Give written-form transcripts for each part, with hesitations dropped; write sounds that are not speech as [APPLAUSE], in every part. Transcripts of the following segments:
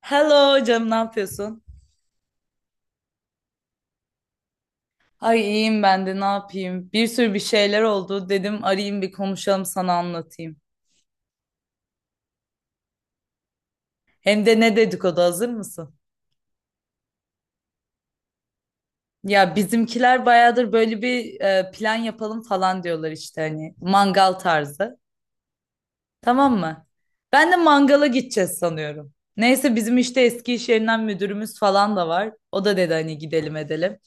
Hello canım, ne yapıyorsun? Ay, iyiyim ben de, ne yapayım? Bir sürü bir şeyler oldu. Dedim arayayım, bir konuşalım, sana anlatayım. Hem de ne dedikodu, hazır mısın? Ya bizimkiler bayağıdır böyle bir plan yapalım falan diyorlar işte, hani mangal tarzı. Tamam mı? Ben de mangala gideceğiz sanıyorum. Neyse, bizim işte eski iş yerinden müdürümüz falan da var. O da dedi hani gidelim edelim.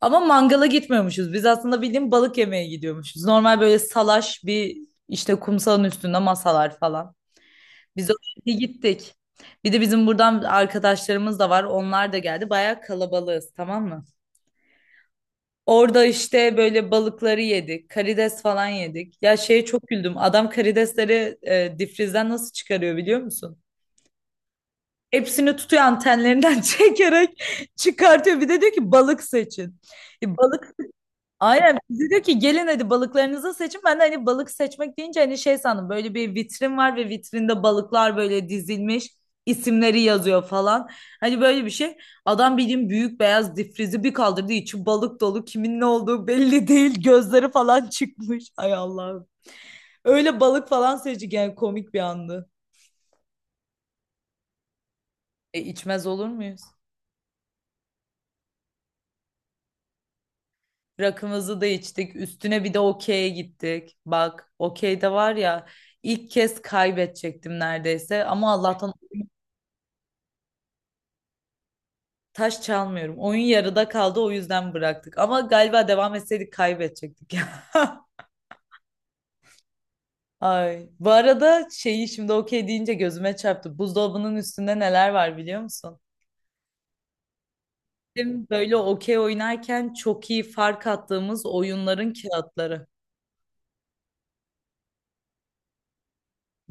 Ama mangala gitmiyormuşuz. Biz aslında bildiğin balık yemeye gidiyormuşuz. Normal böyle salaş bir işte, kumsalın üstünde masalar falan. Biz o şekilde gittik. Bir de bizim buradan arkadaşlarımız da var. Onlar da geldi. Bayağı kalabalığız, tamam mı? Orada işte böyle balıkları yedik. Karides falan yedik. Ya şeye çok güldüm. Adam karidesleri difrizden nasıl çıkarıyor biliyor musun? Hepsini tutuyor antenlerinden [LAUGHS] çekerek çıkartıyor. Bir de diyor ki balık seçin. E, balık Aynen bize diyor ki gelin hadi balıklarınızı seçin. Ben de hani balık seçmek deyince hani şey sandım, böyle bir vitrin var ve vitrinde balıklar böyle dizilmiş, isimleri yazıyor falan. Hani böyle bir şey. Adam bildiğin büyük beyaz difrizi bir kaldırdı, içi balık dolu, kimin ne olduğu belli değil, gözleri falan [LAUGHS] çıkmış. Ay Allah'ım. Öyle balık falan seçtik yani, komik bir andı. E, içmez olur muyuz? Rakımızı da içtik. Üstüne bir de okey'e gittik. Bak okey'de var ya, ilk kez kaybedecektim neredeyse. Ama Allah'tan taş çalmıyorum. Oyun yarıda kaldı, o yüzden bıraktık. Ama galiba devam etseydik kaybedecektik [LAUGHS] ya. Ay. Bu arada şeyi şimdi okey deyince gözüme çarptı. Buzdolabının üstünde neler var biliyor musun? Bizim böyle okey oynarken çok iyi fark attığımız oyunların kağıtları.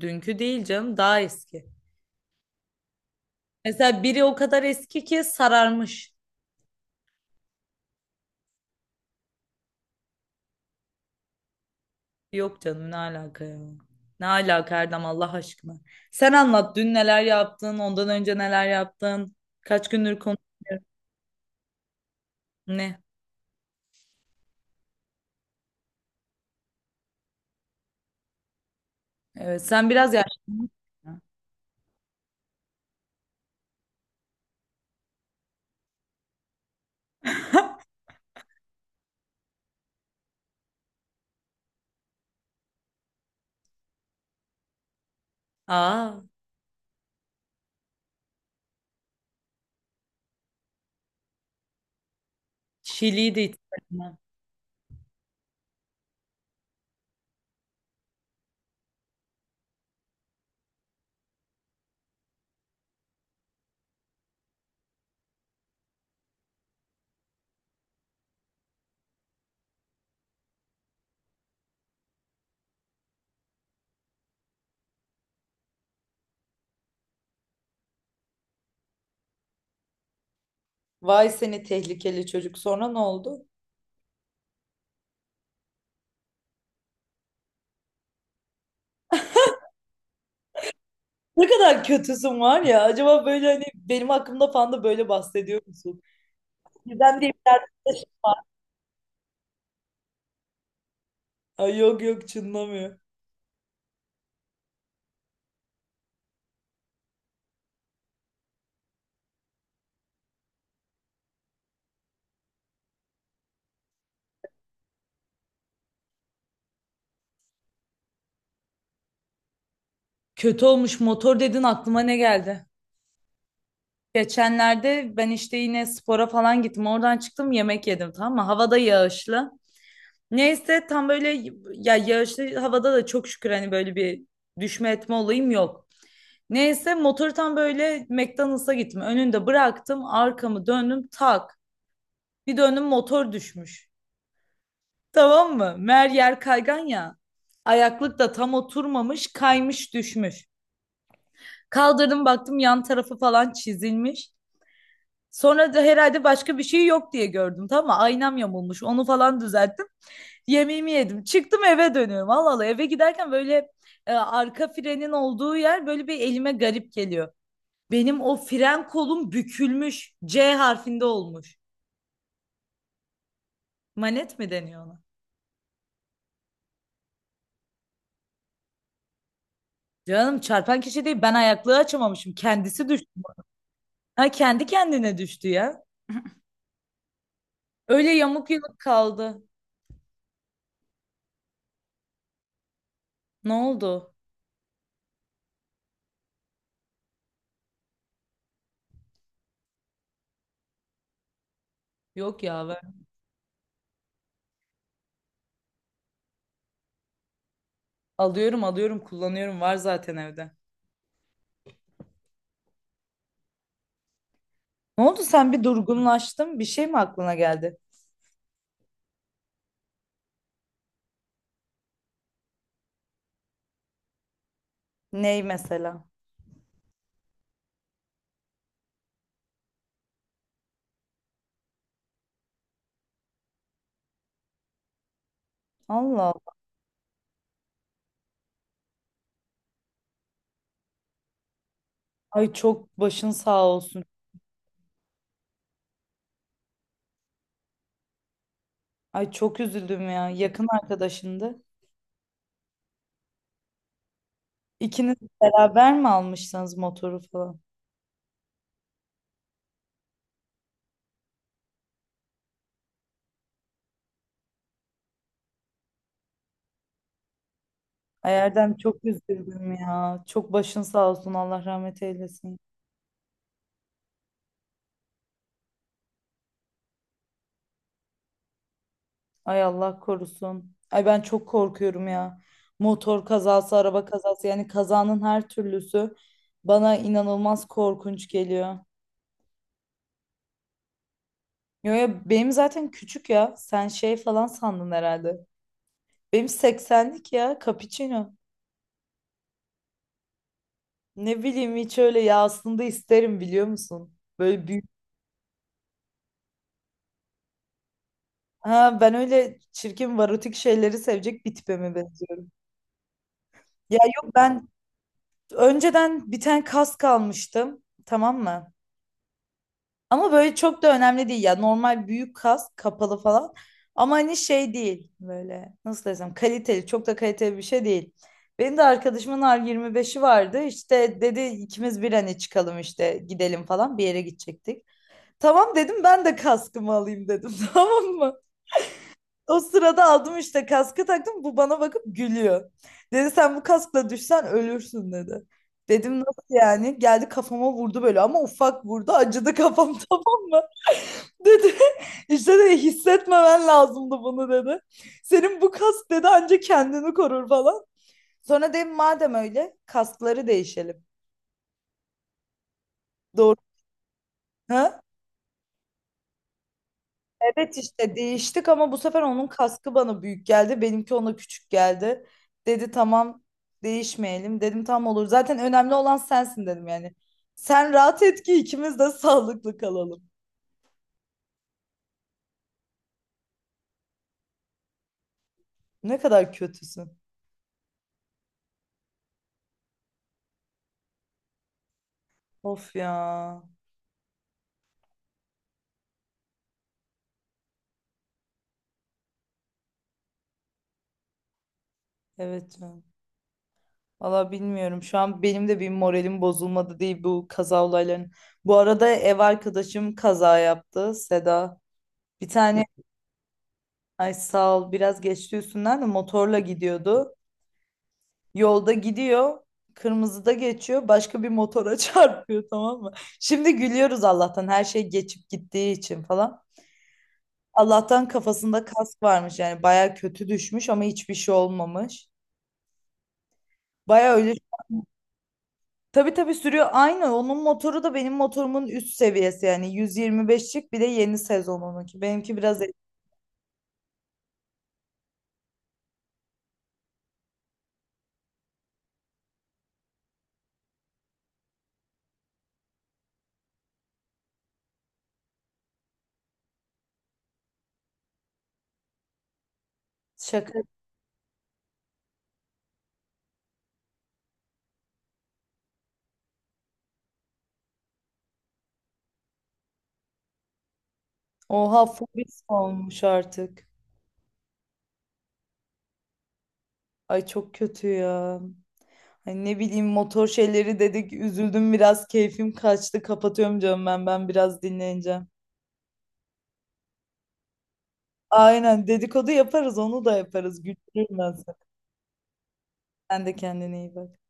Dünkü değil canım, daha eski. Mesela biri o kadar eski ki sararmış. Yok canım, ne alaka ya? Ne alaka Erdem, Allah aşkına. Sen anlat, dün neler yaptın, ondan önce neler yaptın, kaç gündür konu ne? Evet, sen biraz yaşlandın. Aa, Şili'yi de içtim. Vay seni tehlikeli çocuk. Sonra ne oldu? Ne kadar kötüsün var ya. Acaba böyle hani benim hakkımda falan da böyle bahsediyor musun? Neden diye bir arkadaş. Ay yok yok, çınlamıyor. Kötü olmuş motor dedin, aklıma ne geldi? Geçenlerde ben işte yine spora falan gittim. Oradan çıktım, yemek yedim, tamam mı? Havada yağışlı. Neyse tam böyle, ya yağışlı havada da çok şükür hani böyle bir düşme etme olayım yok. Neyse motoru tam böyle McDonald's'a gittim. Önünde bıraktım, arkamı döndüm tak. Bir döndüm motor düşmüş. Tamam mı? Meğer yer kaygan ya. Ayaklık da tam oturmamış, kaymış düşmüş. Kaldırdım baktım, yan tarafı falan çizilmiş. Sonra da herhalde başka bir şey yok diye gördüm. Tamam mı? Aynam yamulmuş. Onu falan düzelttim. Yemeğimi yedim. Çıktım eve dönüyorum. Allah Allah eve giderken böyle arka frenin olduğu yer böyle bir elime garip geliyor. Benim o fren kolum bükülmüş. C harfinde olmuş. Manet mi deniyor ona? Canım, çarpan kişi değil. Ben ayaklığı açamamışım. Kendisi düştü. Ha, kendi kendine düştü ya. Öyle yamuk yumuk kaldı. Ne oldu? Yok ya, ben alıyorum alıyorum, kullanıyorum, var zaten evde. Ne oldu, sen bir durgunlaştın? Bir şey mi aklına geldi? Ney mesela? Allah Allah. Ay çok başın sağ olsun. Ay çok üzüldüm ya. Yakın arkadaşındı. İkiniz beraber mi almışsınız motoru falan? Ay Erdem çok üzüldüm ya. Çok başın sağ olsun. Allah rahmet eylesin. Ay Allah korusun. Ay ben çok korkuyorum ya. Motor kazası, araba kazası, yani kazanın her türlüsü bana inanılmaz korkunç geliyor. Yo ya, benim zaten küçük ya. Sen şey falan sandın herhalde. Benim 80'lik ya, cappuccino. Ne bileyim, hiç öyle ya, aslında isterim biliyor musun? Böyle büyük. Ha ben öyle çirkin varotik şeyleri sevecek bir tipe mi benziyorum? Ya yok, ben önceden bir tane kask almıştım. Tamam mı? Ama böyle çok da önemli değil ya. Normal büyük kapalı falan. Ama hani şey değil, böyle nasıl desem kaliteli, çok da kaliteli bir şey değil. Benim de arkadaşımın R25'i vardı. İşte dedi ikimiz bir hani çıkalım işte gidelim falan, bir yere gidecektik. Tamam dedim, ben de kaskımı alayım dedim [LAUGHS] tamam mı? O sırada aldım, işte kaskı taktım, bu bana bakıp gülüyor. Dedi sen bu kaskla düşsen ölürsün dedi. Dedim nasıl yani? Geldi kafama vurdu böyle, ama ufak vurdu, acıdı kafam [LAUGHS] tamam mı? Dedi [LAUGHS] işte dedi hissetmemen lazımdı bunu dedi. Senin bu kask dedi ancak kendini korur falan. Sonra dedim madem öyle kaskları değişelim. Doğru. Ha? Evet işte değiştik, ama bu sefer onun kaskı bana büyük geldi. Benimki ona küçük geldi. Dedi tamam değişmeyelim. Dedim tam olur. Zaten önemli olan sensin dedim yani. Sen rahat et ki ikimiz de [LAUGHS] sağlıklı kalalım. Ne kadar kötüsün. Of ya. Evet, ya. Valla bilmiyorum. Şu an benim de bir moralim bozulmadı değil bu kaza olayların. Bu arada ev arkadaşım kaza yaptı, Seda. Bir tane, ay sağ ol, biraz geçti üstünden, de motorla gidiyordu. Yolda gidiyor. Kırmızıda geçiyor. Başka bir motora [LAUGHS] çarpıyor, tamam mı? Şimdi gülüyoruz Allah'tan her şey geçip gittiği için falan. Allah'tan kafasında kask varmış, yani baya kötü düşmüş ama hiçbir şey olmamış. Baya öyle. Tabii tabii, sürüyor. Aynı, onun motoru da benim motorumun üst seviyesi, yani 125'lik, bir de yeni sezonununki. Benimki biraz şaka. Oha, fobis olmuş artık. Ay çok kötü ya. Ay ne bileyim, motor şeyleri dedik, üzüldüm biraz, keyfim kaçtı, kapatıyorum canım, ben biraz dinleneceğim. Aynen, dedikodu yaparız, onu da yaparız, güldürürüm ben seni. Sen de kendine iyi bak.